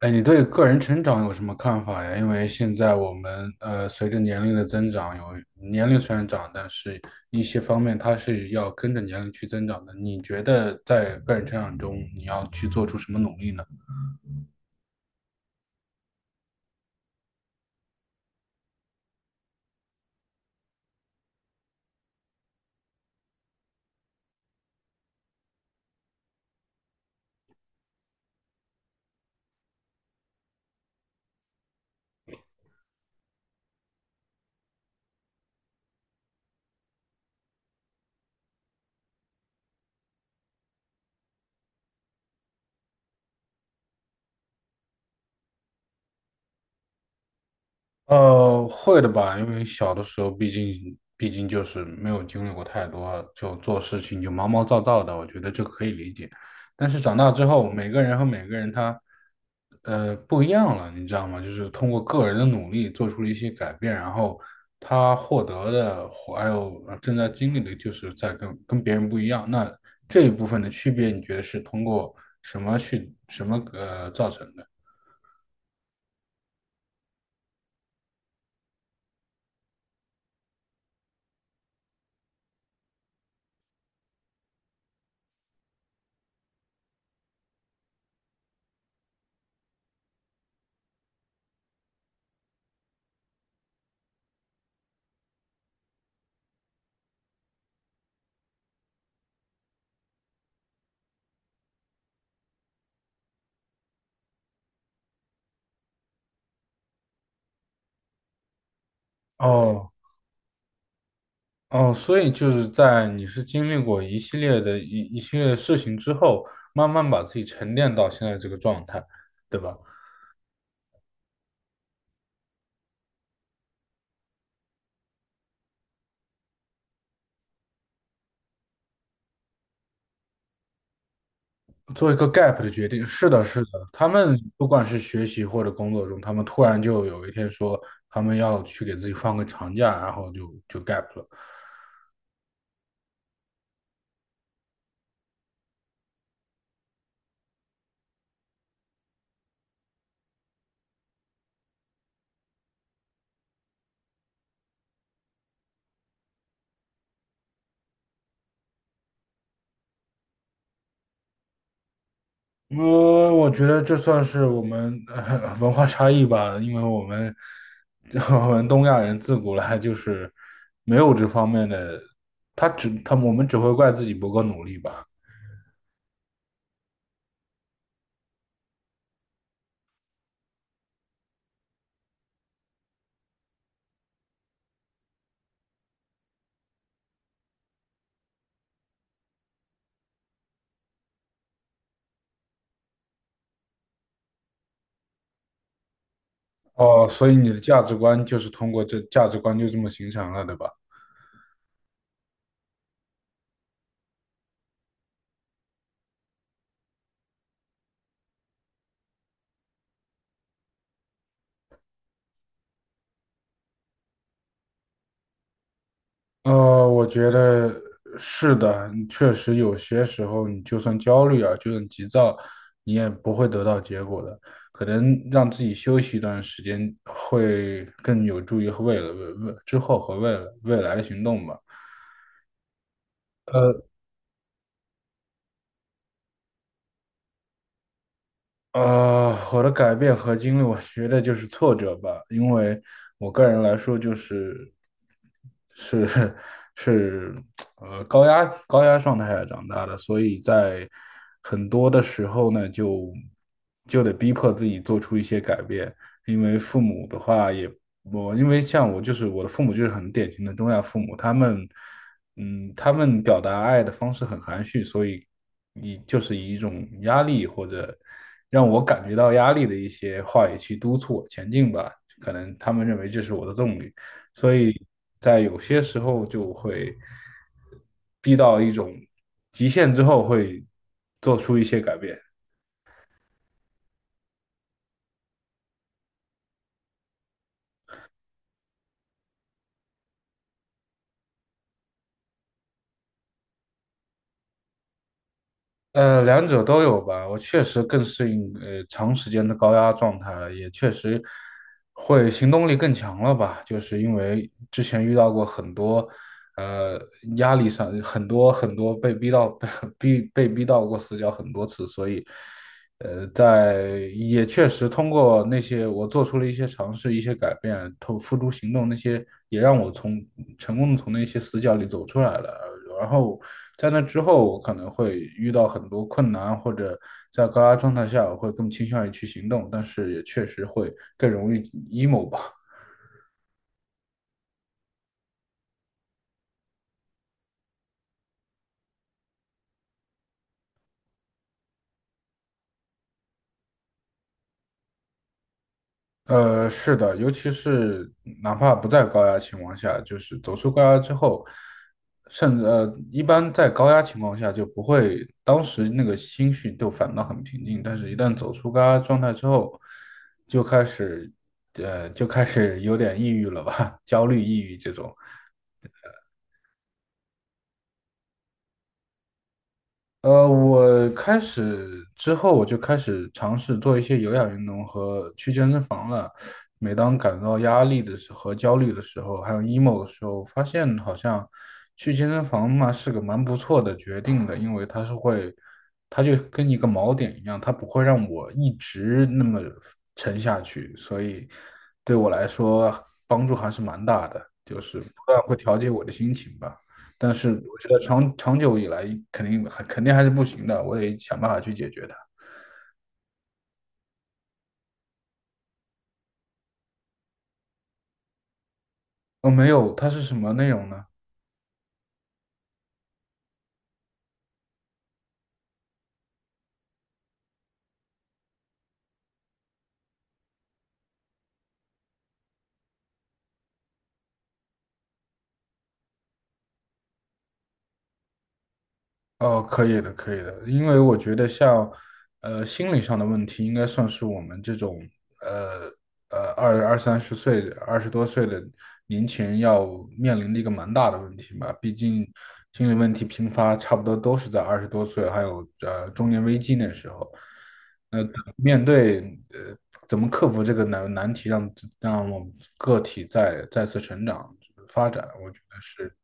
哎，你对个人成长有什么看法呀？因为现在我们随着年龄的增长，有年龄虽然长，但是一些方面它是要跟着年龄去增长的。你觉得在个人成长中，你要去做出什么努力呢？会的吧，因为小的时候，毕竟就是没有经历过太多，就做事情就毛毛躁躁的，我觉得这可以理解。但是长大之后，每个人和每个人他，不一样了，你知道吗？就是通过个人的努力做出了一些改变，然后他获得的，还有正在经历的，就是在跟别人不一样。那这一部分的区别，你觉得是通过什么去什么造成的？哦，哦，所以就是在你是经历过一系列的一系列的事情之后，慢慢把自己沉淀到现在这个状态，对吧？做一个 gap 的决定，是的，是的。他们不管是学习或者工作中，他们突然就有一天说他们要去给自己放个长假，然后就 gap 了。我觉得这算是我们文化差异吧，因为我们 我们东亚人自古来就是没有这方面的，他只他我们只会怪自己不够努力吧。哦，所以你的价值观就是通过这价值观就这么形成了，对吧？我觉得是的，确实有些时候你就算焦虑啊，就算急躁，你也不会得到结果的。可能让自己休息一段时间，会更有助于未来，未未之后和未来的行动吧。呃。我的改变和经历，我觉得就是挫折吧，因为我个人来说，就是是 是高压状态下长大的，所以在很多的时候呢，就得逼迫自己做出一些改变，因为父母的话也因为像我就是我的父母就是很典型的中亚父母，他们他们表达爱的方式很含蓄，所以就是以一种压力或者。让我感觉到压力的一些话语去督促我前进吧。可能他们认为这是我的动力，所以在有些时候就会逼到一种极限之后，会做出一些改变。两者都有吧。我确实更适应长时间的高压状态了，也确实会行动力更强了吧。就是因为之前遇到过很多呃压力上很多被逼到 被逼到过死角很多次，所以在也确实通过那些我做出了一些尝试、一些改变，投付诸行动，那些也让我从成功的从那些死角里走出来了。然后在那之后，我可能会遇到很多困难，或者在高压状态下，我会更倾向于去行动，但是也确实会更容易 emo 吧。是的，尤其是哪怕不在高压情况下，就是走出高压之后，甚至一般在高压情况下就不会，当时那个心绪都反倒很平静，但是一旦走出高压状态之后，就开始，就开始有点抑郁了吧，焦虑、抑郁这种。我开始之后，我就开始尝试做一些有氧运动和去健身房了。每当感到压力的时候、和焦虑的时候，还有 emo 的时候，发现好像去健身房嘛是个蛮不错的决定的，因为它是会，它就跟一个锚点一样，它不会让我一直那么沉下去，所以对我来说帮助还是蛮大的，就是不断会调节我的心情吧。但是我觉得长久以来肯定还是不行的，我得想办法去解决它。哦，没有，它是什么内容呢？哦，可以的，可以的，因为我觉得像，心理上的问题，应该算是我们这种，呃二三十岁、二十多岁的年轻人要面临的一个蛮大的问题吧。毕竟，心理问题频发，差不多都是在二十多岁，还有中年危机那时候。那面对呃，怎么克服这个难题让，让我们个体再次成长发展，我觉得是。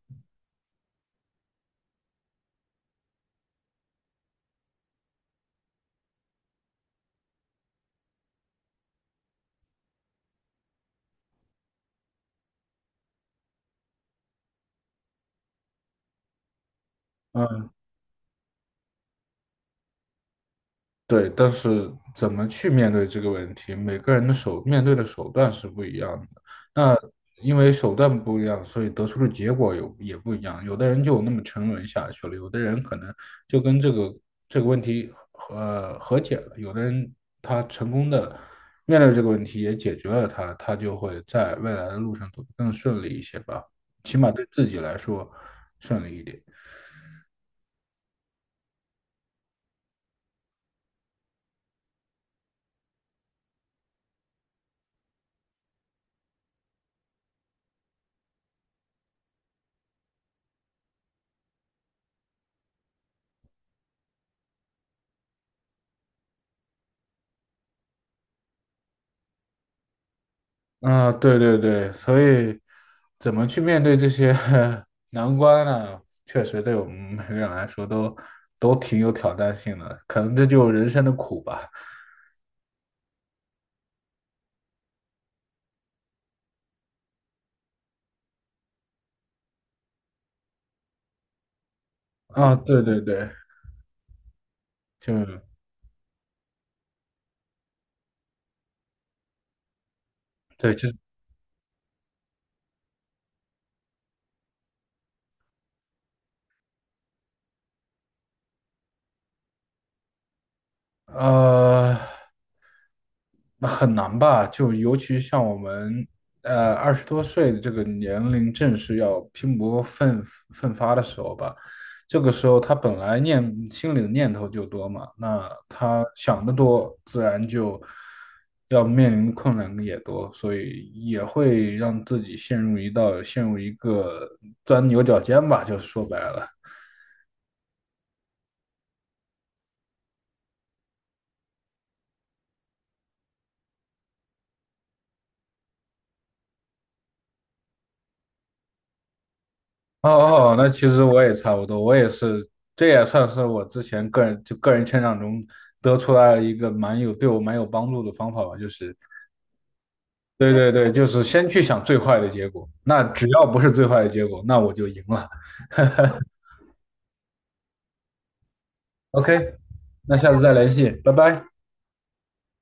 嗯，对，但是怎么去面对这个问题，每个人的手面对的手段是不一样的。那因为手段不一样，所以得出的结果有也不一样。有的人就那么沉沦下去了，有的人可能就跟这个问题和解了，有的人他成功的面对这个问题也解决了它，他就会在未来的路上走得更顺利一些吧，起码对自己来说顺利一点。啊，对对对，所以怎么去面对这些 难关呢？确实对我们每个人来说都挺有挑战性的，可能这就是人生的苦吧。啊，对对对，就对，就呃，那很难吧？就尤其像我们，二十多岁的这个年龄，正是要拼搏奋发的时候吧。这个时候，他本来心里的念头就多嘛，那他想的多，自然就要面临的困难也多，所以也会让自己陷入一道，陷入一个钻牛角尖吧，就是说白了。哦哦，那其实我也差不多，我也是，这也算是我之前个人成长中得出来了一个对我蛮有帮助的方法吧，就是对对对，就是先去想最坏的结果，那只要不是最坏的结果，那我就赢了。OK，那下次再联系，拜拜。